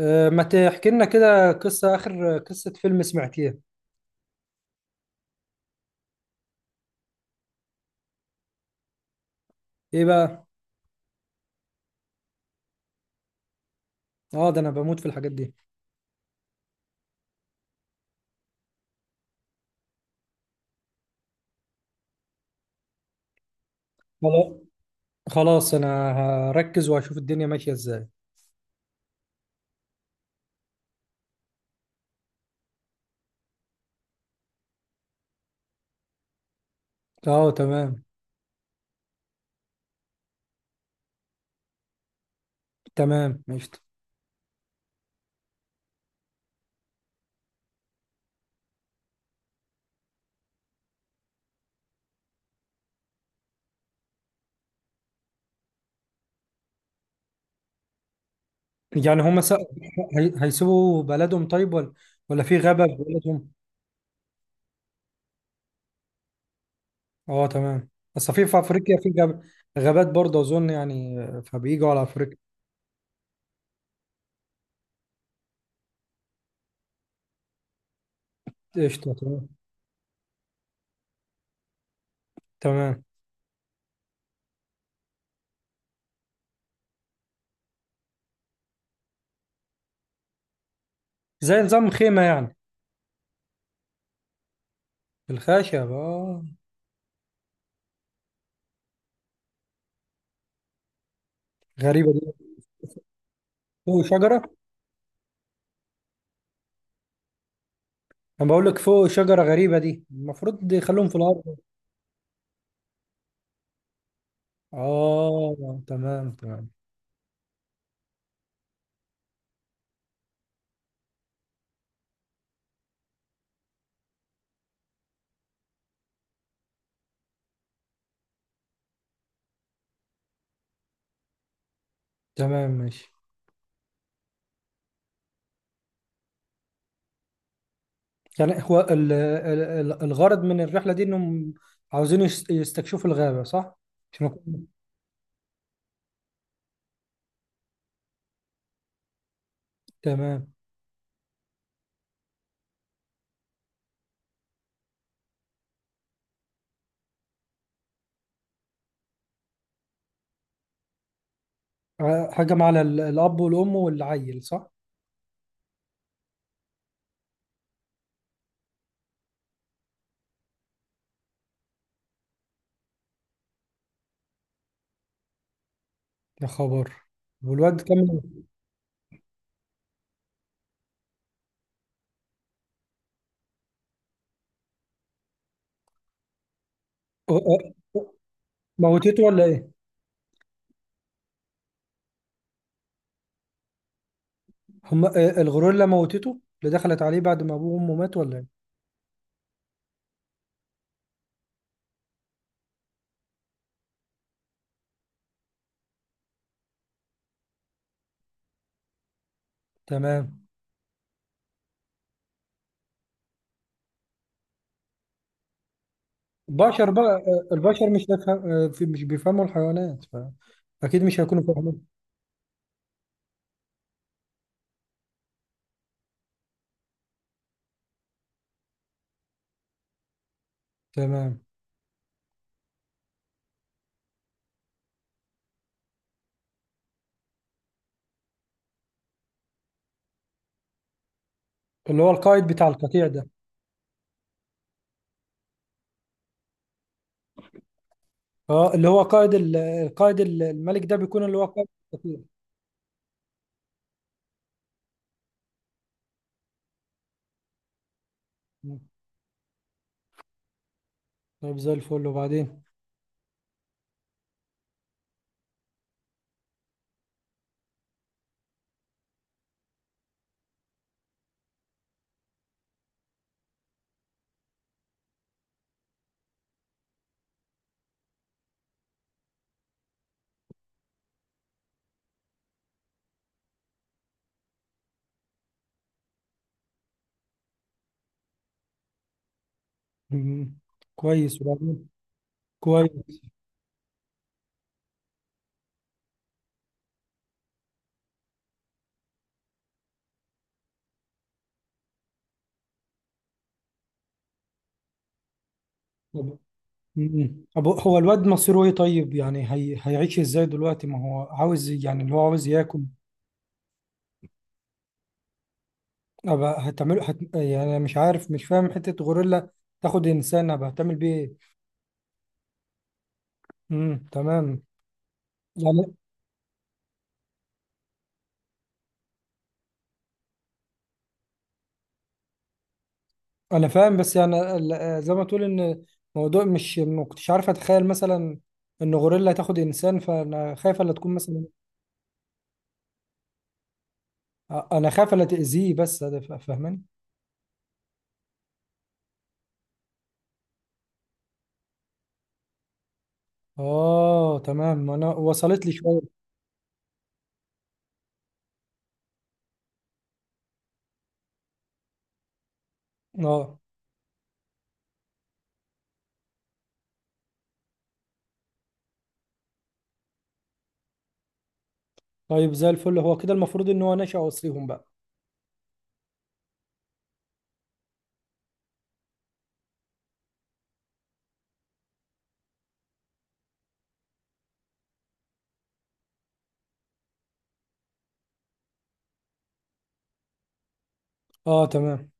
ما تحكي لنا كده قصة آخر قصة فيلم سمعتيها. إيه بقى؟ آه، ده أنا بموت في الحاجات دي. خلاص. خلاص أنا هركز وهشوف الدنيا ماشية إزاي. آه، تمام. تمام ماشي. يعني هما هيسيبوا بلدهم، طيب؟ ولا ولا في غابة في بلدهم؟ آه، تمام. بس في أفريقيا في غابات برضه أظن يعني. فبيجوا على أفريقيا. قشطة، تمام. تمام. زي نظام خيمة يعني. بالخشب، آه. غريبة دي. هو شجرة؟ انا بقول لك فوق شجره غريبه دي، المفروض يخلوهم في الارض. اه، تمام تمام. تمام ماشي. يعني هو الغرض من الرحله دي انهم عاوزين يستكشفوا الغابه، صح؟ عشان يكون- تمام. هجم على الاب والام والعيل، صح؟ يا خبر. والواد كمل؟ أه- أه- موتته ولا ايه؟ هم، الغوريلا موتته اللي دخلت عليه بعد ما ابوه وامه مات ولا ايه؟ تمام. بشر بقى، البشر مش هيفهم- آه، في- مش بيفهموا الحيوانات. اكيد مش هيكونوا فاهمين. تمام. اللي هو القائد بتاع القطيع ده. اه، اللي هو قائد القائد الملك ده بيكون اللي هو قائد القطيع. مم. طيب زي الفل، وبعدين؟ مم. كويس، وبعدين؟ كويس. طب. مم. طب هو الواد مصيره ايه طيب؟ يعني هيعيش ازاي دلوقتي؟ ما هو عاوز، يعني اللي هو عاوز ياكل. ابقى هتعمله يعني أنا مش عارف، مش فاهم حتة غوريلا تاخد انسان، ابقى هتعمل بيه ايه؟ مم. تمام. يعني انا فاهم، بس يعني زي ما تقول ان موضوع مش ما كنتش عارف اتخيل مثلا ان غوريلا تاخد انسان، فانا خايف الا تكون مثلا. انا خايف الا تاذيه، بس ده فاهماني. اه، تمام، ما انا وصلت لي شويه. اه، طيب زي الفل، هو كده المفروض ان هو نشأ وصيهم بقى. اه، تمام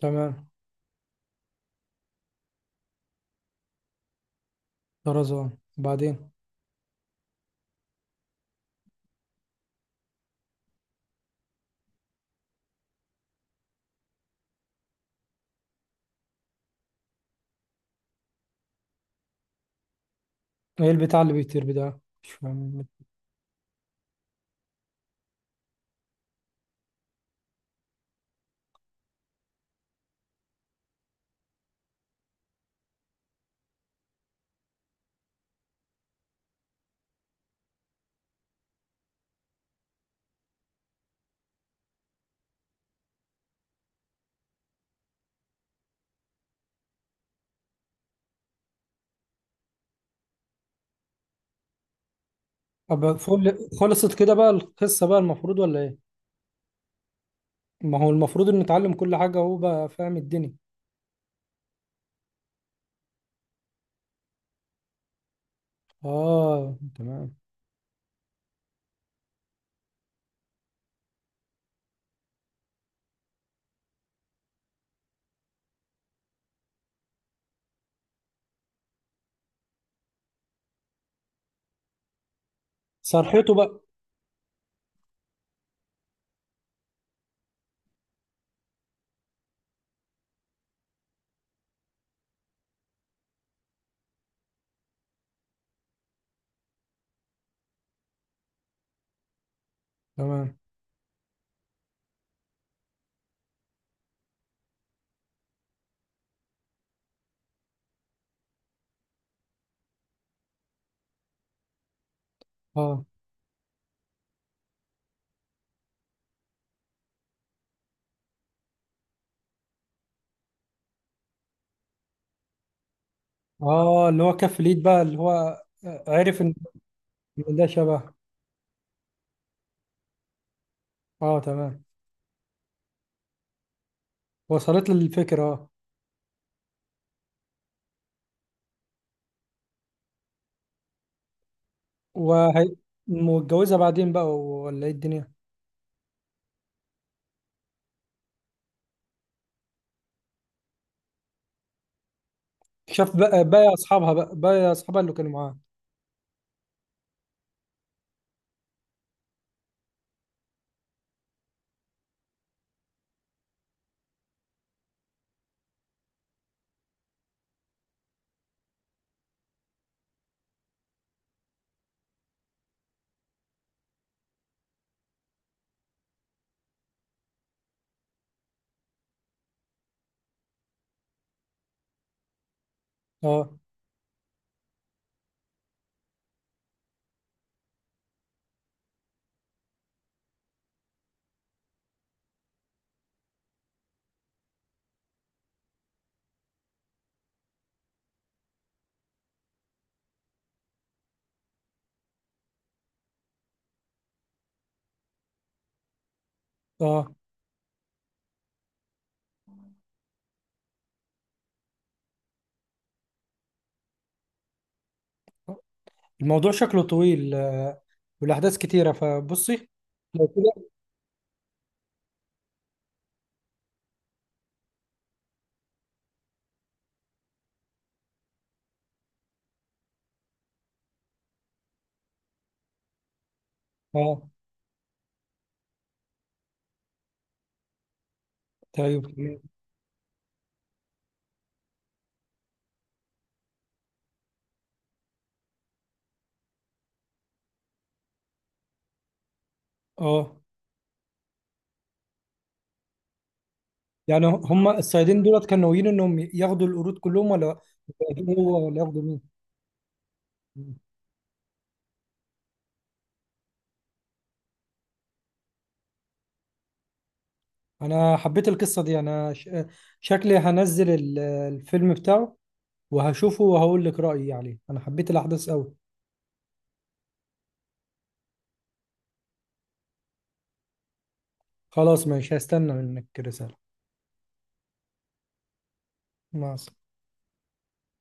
تمام. طرزان. بعدين؟ ايه البتاع اللي بيطير ده؟ مش فاهم. طب خلصت كده بقى القصه بقى المفروض ولا ايه؟ ما هو المفروض ان نتعلم كل حاجه وهو بقى فاهم الدنيا. اه، تمام. صرحته بقى. تمام. اه، اه، اللي هو كف اليد بقى، اللي هو عرف ان إن ده شبه. اه، تمام. وصلت له الفكرة، اه. وهي متجوزة بعدين بقى ولا ايه الدنيا؟ شاف بقى اصحابها اللي كانوا معاه. اه، اه، الموضوع شكله طويل، والاحداث كتيرة فبصي. لو كده. اه، طيب تمام. اه، يعني هم الصيادين دولت كانوا ناويين انهم ياخدوا القرود كلهم ولا ياخدوا ولا ياخدوا مين؟ انا حبيت القصه دي. انا شكلي هنزل الفيلم بتاعه وهشوفه وهقول لك رايي عليه. انا حبيت الاحداث قوي. خلاص ماشي، هستنى منك رساله. مع السلامه.